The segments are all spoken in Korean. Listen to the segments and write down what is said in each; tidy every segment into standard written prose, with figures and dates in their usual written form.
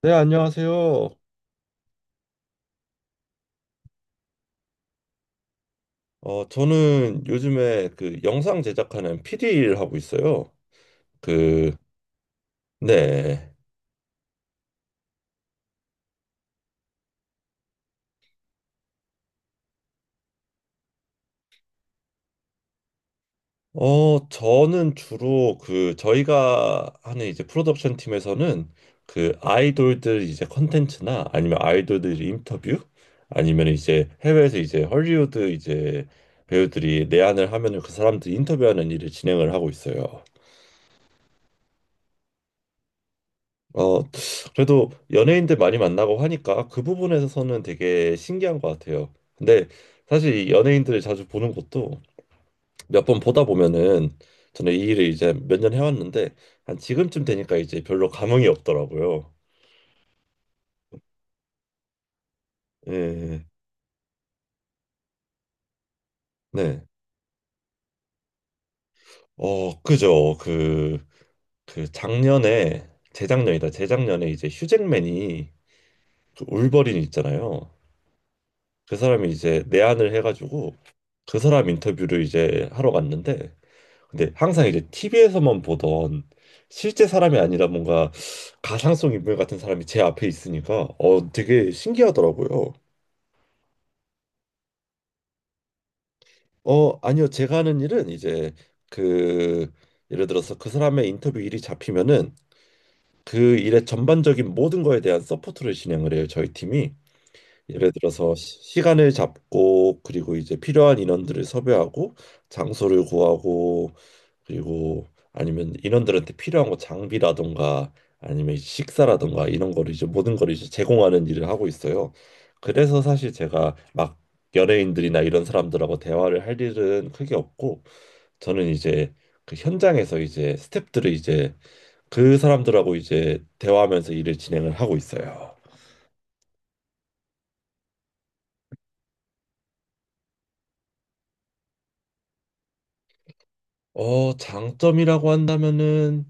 네, 안녕하세요. 저는 요즘에 그 영상 제작하는 PD 일 하고 있어요. 그, 네. 저는 주로 그 저희가 하는 이제 프로덕션 팀에서는 그 아이돌들 이제 컨텐츠나 아니면 아이돌들 인터뷰, 아니면 이제 해외에서 이제 헐리우드 이제 배우들이 내한을 하면은 그 사람들 인터뷰하는 일을 진행을 하고 있어요. 어, 그래도 연예인들 많이 만나고 하니까 그 부분에서는 되게 신기한 것 같아요. 근데 사실 이 연예인들을 자주 보는 것도 몇 번 보다 보면은, 저는 이 일을 이제 몇 년 해왔는데 한 지금쯤 되니까 이제 별로 감흥이 없더라고요. 예, 예. 네. 그죠. 그 작년에, 재작년이다. 재작년에 이제 휴잭맨이, 그 울버린 있잖아요. 그 사람이 이제 내한을 해가지고 그 사람 인터뷰를 이제 하러 갔는데, 근데 항상 이제 TV에서만 보던 실제 사람이 아니라 뭔가 가상성 인물 같은 사람이 제 앞에 있으니까 되게 신기하더라고요. 아니요, 제가 하는 일은 이제, 그 예를 들어서 그 사람의 인터뷰 일이 잡히면은 그 일의 전반적인 모든 거에 대한 서포트를 진행을 해요, 저희 팀이. 예를 들어서 시간을 잡고, 그리고 이제 필요한 인원들을 섭외하고, 장소를 구하고, 그리고 아니면 인원들한테 필요한 거 장비라던가 아니면 식사라던가 이런 거를 이제 모든 걸 이제 제공하는 일을 하고 있어요. 그래서 사실 제가 막 연예인들이나 이런 사람들하고 대화를 할 일은 크게 없고, 저는 이제 그 현장에서 이제 스태프들을 이제, 그 사람들하고 이제 대화하면서 일을 진행을 하고 있어요. 장점이라고 한다면은,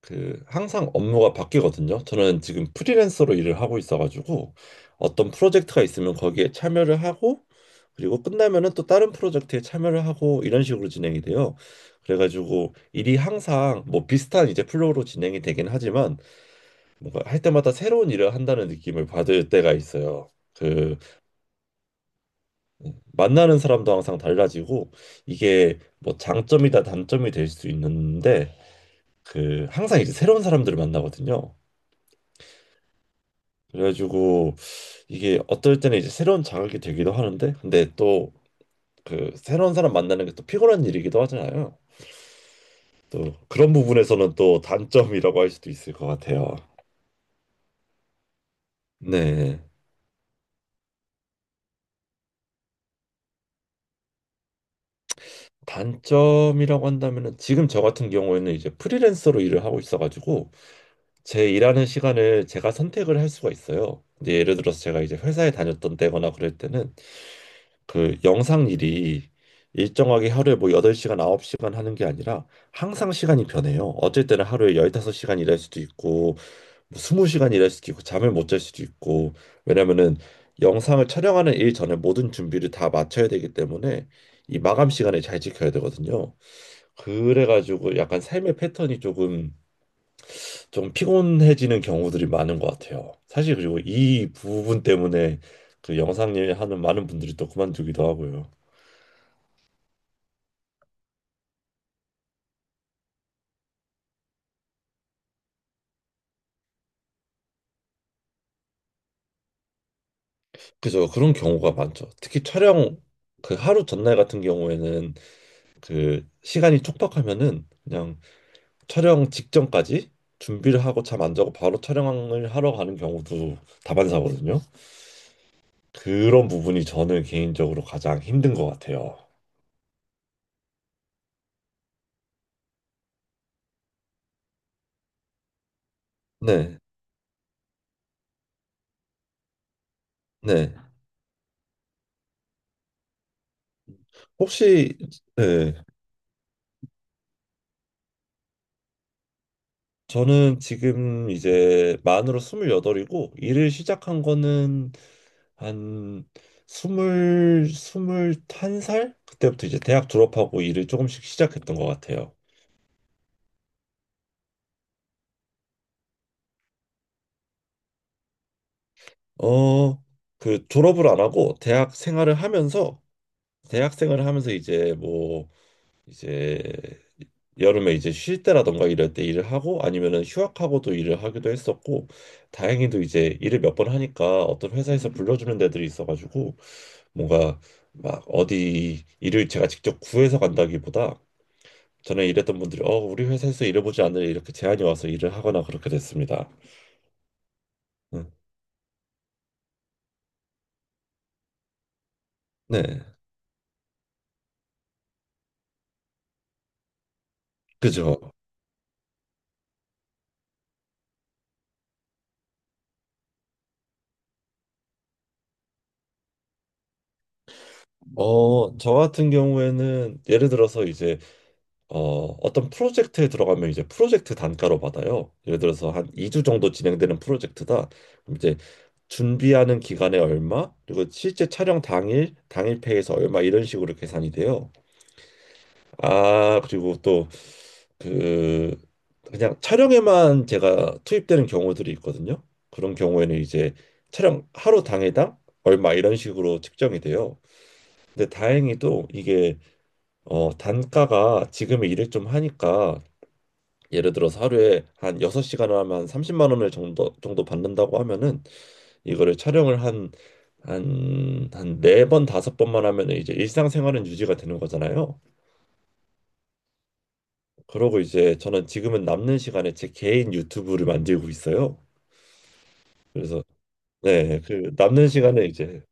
그 항상 업무가 바뀌거든요. 저는 지금 프리랜서로 일을 하고 있어가지고 어떤 프로젝트가 있으면 거기에 참여를 하고, 그리고 끝나면은 또 다른 프로젝트에 참여를 하고, 이런 식으로 진행이 돼요. 그래가지고 일이 항상 뭐 비슷한 이제 플로우로 진행이 되긴 하지만, 뭔가 할 때마다 새로운 일을 한다는 느낌을 받을 때가 있어요. 그 만나는 사람도 항상 달라지고, 이게 뭐 장점이다 단점이 될 수 있는데, 그 항상 이제 새로운 사람들을 만나거든요. 그래가지고 이게 어떨 때는 이제 새로운 자극이 되기도 하는데, 근데 또 그 새로운 사람 만나는 게 또 피곤한 일이기도 하잖아요. 또 그런 부분에서는 또 단점이라고 할 수도 있을 것 같아요. 네. 단점이라고 한다면은, 지금 저 같은 경우에는 이제 프리랜서로 일을 하고 있어가지고 제 일하는 시간을 제가 선택을 할 수가 있어요. 근데 예를 들어서 제가 이제 회사에 다녔던 때거나 그럴 때는, 그 영상 일이 일정하게 하루에 뭐 8시간, 9시간 하는 게 아니라 항상 시간이 변해요. 어쩔 때는 하루에 15시간 일할 수도 있고, 뭐 20시간 일할 수도 있고, 잠을 못 잘 수도 있고. 왜냐면은 영상을 촬영하는 일 전에 모든 준비를 다 마쳐야 되기 때문에 이 마감 시간을 잘 지켜야 되거든요. 그래가지고 약간 삶의 패턴이 조금 좀 피곤해지는 경우들이 많은 것 같아요, 사실. 그리고 이 부분 때문에 그 영상 일 하는 많은 분들이 또 그만두기도 하고요. 그죠. 그런 경우가 많죠. 특히 촬영, 그 하루 전날 같은 경우에는 그 시간이 촉박하면은 그냥 촬영 직전까지 준비를 하고 잠 안 자고 바로 촬영을 하러 가는 경우도 다반사거든요. 그런 부분이 저는 개인적으로 가장 힘든 것 같아요. 네, 네. 혹시. 네, 저는 지금 이제 만으로 28이고, 일을 시작한 거는 한 스물 한 살, 그때부터 이제 대학 졸업하고 일을 조금씩 시작했던 것 같아요. 어, 그 졸업을 안 하고 대학 생활을 하면서, 이제 뭐 이제 여름에 이제 쉴 때라던가 이럴 때 일을 하고, 아니면은 휴학하고도 일을 하기도 했었고, 다행히도 이제 일을 몇 번 하니까 어떤 회사에서 불러주는 데들이 있어가지고, 뭔가 막 어디 일을 제가 직접 구해서 간다기보다 전에 일했던 분들이 우리 회사에서 일해보지 않으려 이렇게 제안이 와서 일을 하거나 그렇게 됐습니다. 음, 네, 그죠. 저 같은 경우에는 예를 들어서 이제, 어, 어떤 프로젝트에 들어가면 이제 프로젝트 단가로 받아요. 예를 들어서 한 2주 정도 진행되는 프로젝트다. 그럼 이제 준비하는 기간에 얼마, 그리고 실제 촬영 당일, 당일 페이에서 얼마, 이런 식으로 계산이 돼요. 아, 그리고 또, 그 그냥 촬영에만 제가 투입되는 경우들이 있거든요. 그런 경우에는 이제 촬영 하루 당에당 얼마, 이런 식으로 측정이 돼요. 근데 다행히도 이게 단가가 지금 일을 좀 하니까, 예를 들어서 하루에 한 6시간 하면 한 30만 원을 정도 받는다고 하면은, 이거를 촬영을 한 4번 5번만 하면은 이제 일상생활은 유지가 되는 거잖아요. 그러고 이제 저는 지금은 남는 시간에 제 개인 유튜브를 만들고 있어요. 그래서, 네, 그 남는 시간에 이제,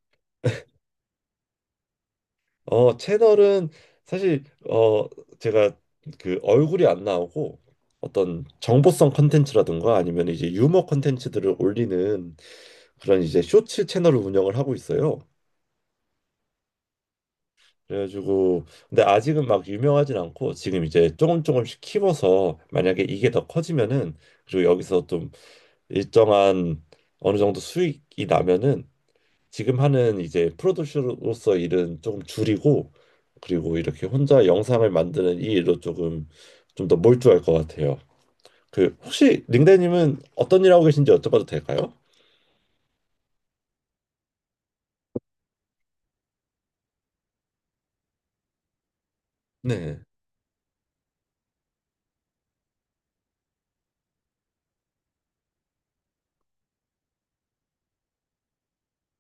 채널은 사실 어 제가 그 얼굴이 안 나오고 어떤 정보성 컨텐츠라든가 아니면 이제 유머 컨텐츠들을 올리는, 그런 이제 쇼츠 채널을 운영을 하고 있어요. 그래가지고, 근데 아직은 막 유명하진 않고 지금 이제 조금 조금씩 키워서 만약에 이게 더 커지면은, 그리고 여기서 좀 일정한 어느 정도 수익이 나면은 지금 하는 이제 프로듀서로서 일은 조금 줄이고 그리고 이렇게 혼자 영상을 만드는 이 일로 조금 좀 더 몰두할 것 같아요. 그 혹시 링대님은 어떤 일 하고 계신지 여쭤봐도 될까요? 네,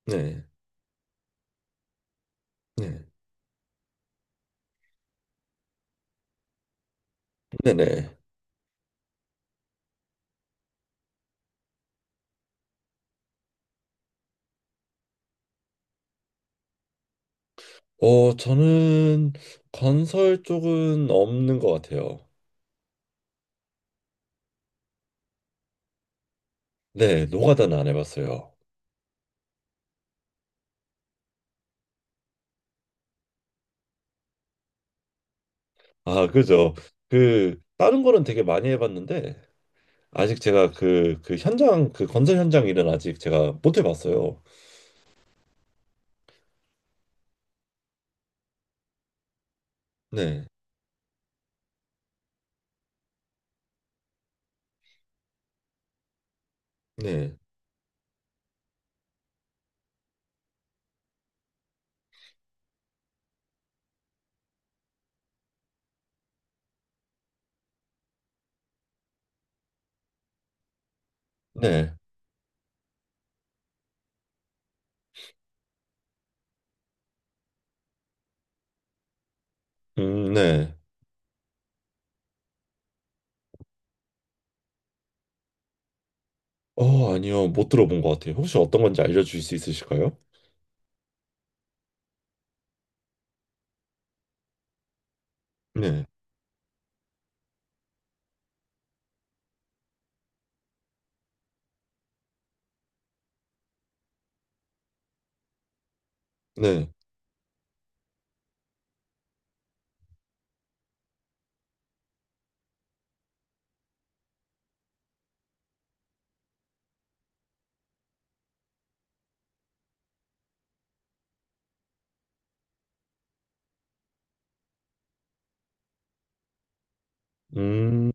네, 네, 네, 네. 저는 건설 쪽은 없는 것 같아요. 네, 노가다는 안 해봤어요. 아, 그죠. 그 다른 거는 되게 많이 해봤는데, 아직 제가 그 현장, 그 건설 현장 일은 아직 제가 못 해봤어요. 네. 네, 네, 네. 아니요, 못 들어본 것 같아요. 혹시 어떤 건지 알려주실 수 있으실까요? 네, 네, 음,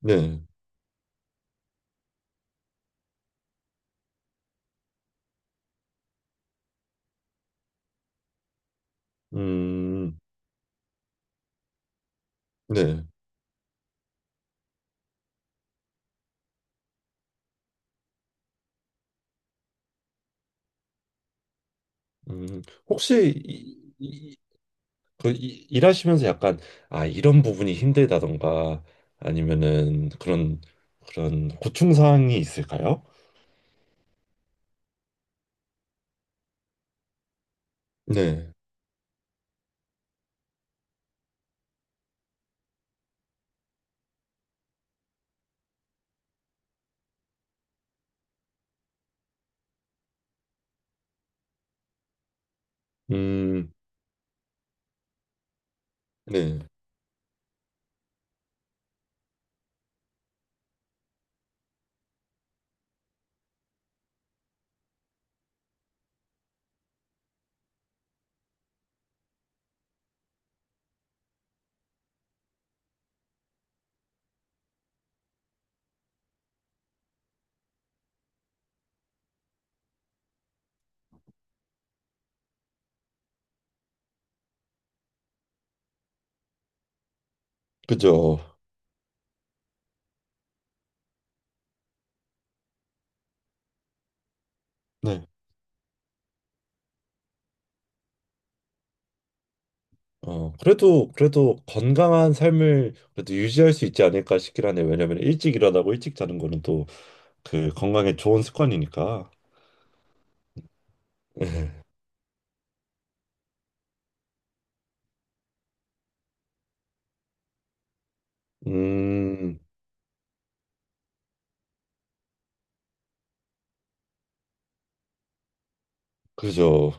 네, 음, 네, 음. 혹시 일하시면서 약간, 아 이런 부분이 힘들다던가 아니면은 그런, 고충 사항이 있을까요? 네, 음, 네, 그죠. 그래도 건강한 삶을 그래도 유지할 수 있지 않을까 싶긴 하네. 왜냐면 일찍 일어나고 일찍 자는 거는 또 그 건강에 좋은 습관이니까. 음, 그죠.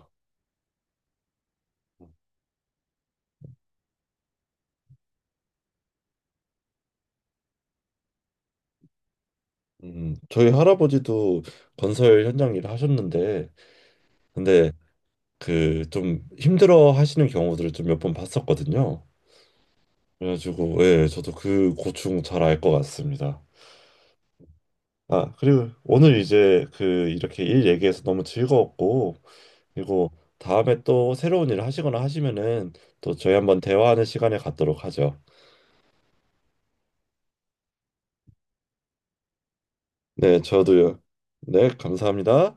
저희 할아버지도 건설 현장 일을 하셨는데, 근데 그 좀 힘들어 하시는 경우들을 좀 몇 번 봤었거든요. 그래가지고, 예, 저도 그 고충 잘 알 것 같습니다. 아, 그리고 오늘 이제 그 이렇게 일 얘기해서 너무 즐거웠고, 그리고 다음에 또 새로운 일을 하시거나 하시면은 또 저희 한번 대화하는 시간을 갖도록 하죠. 네, 저도요. 네, 감사합니다.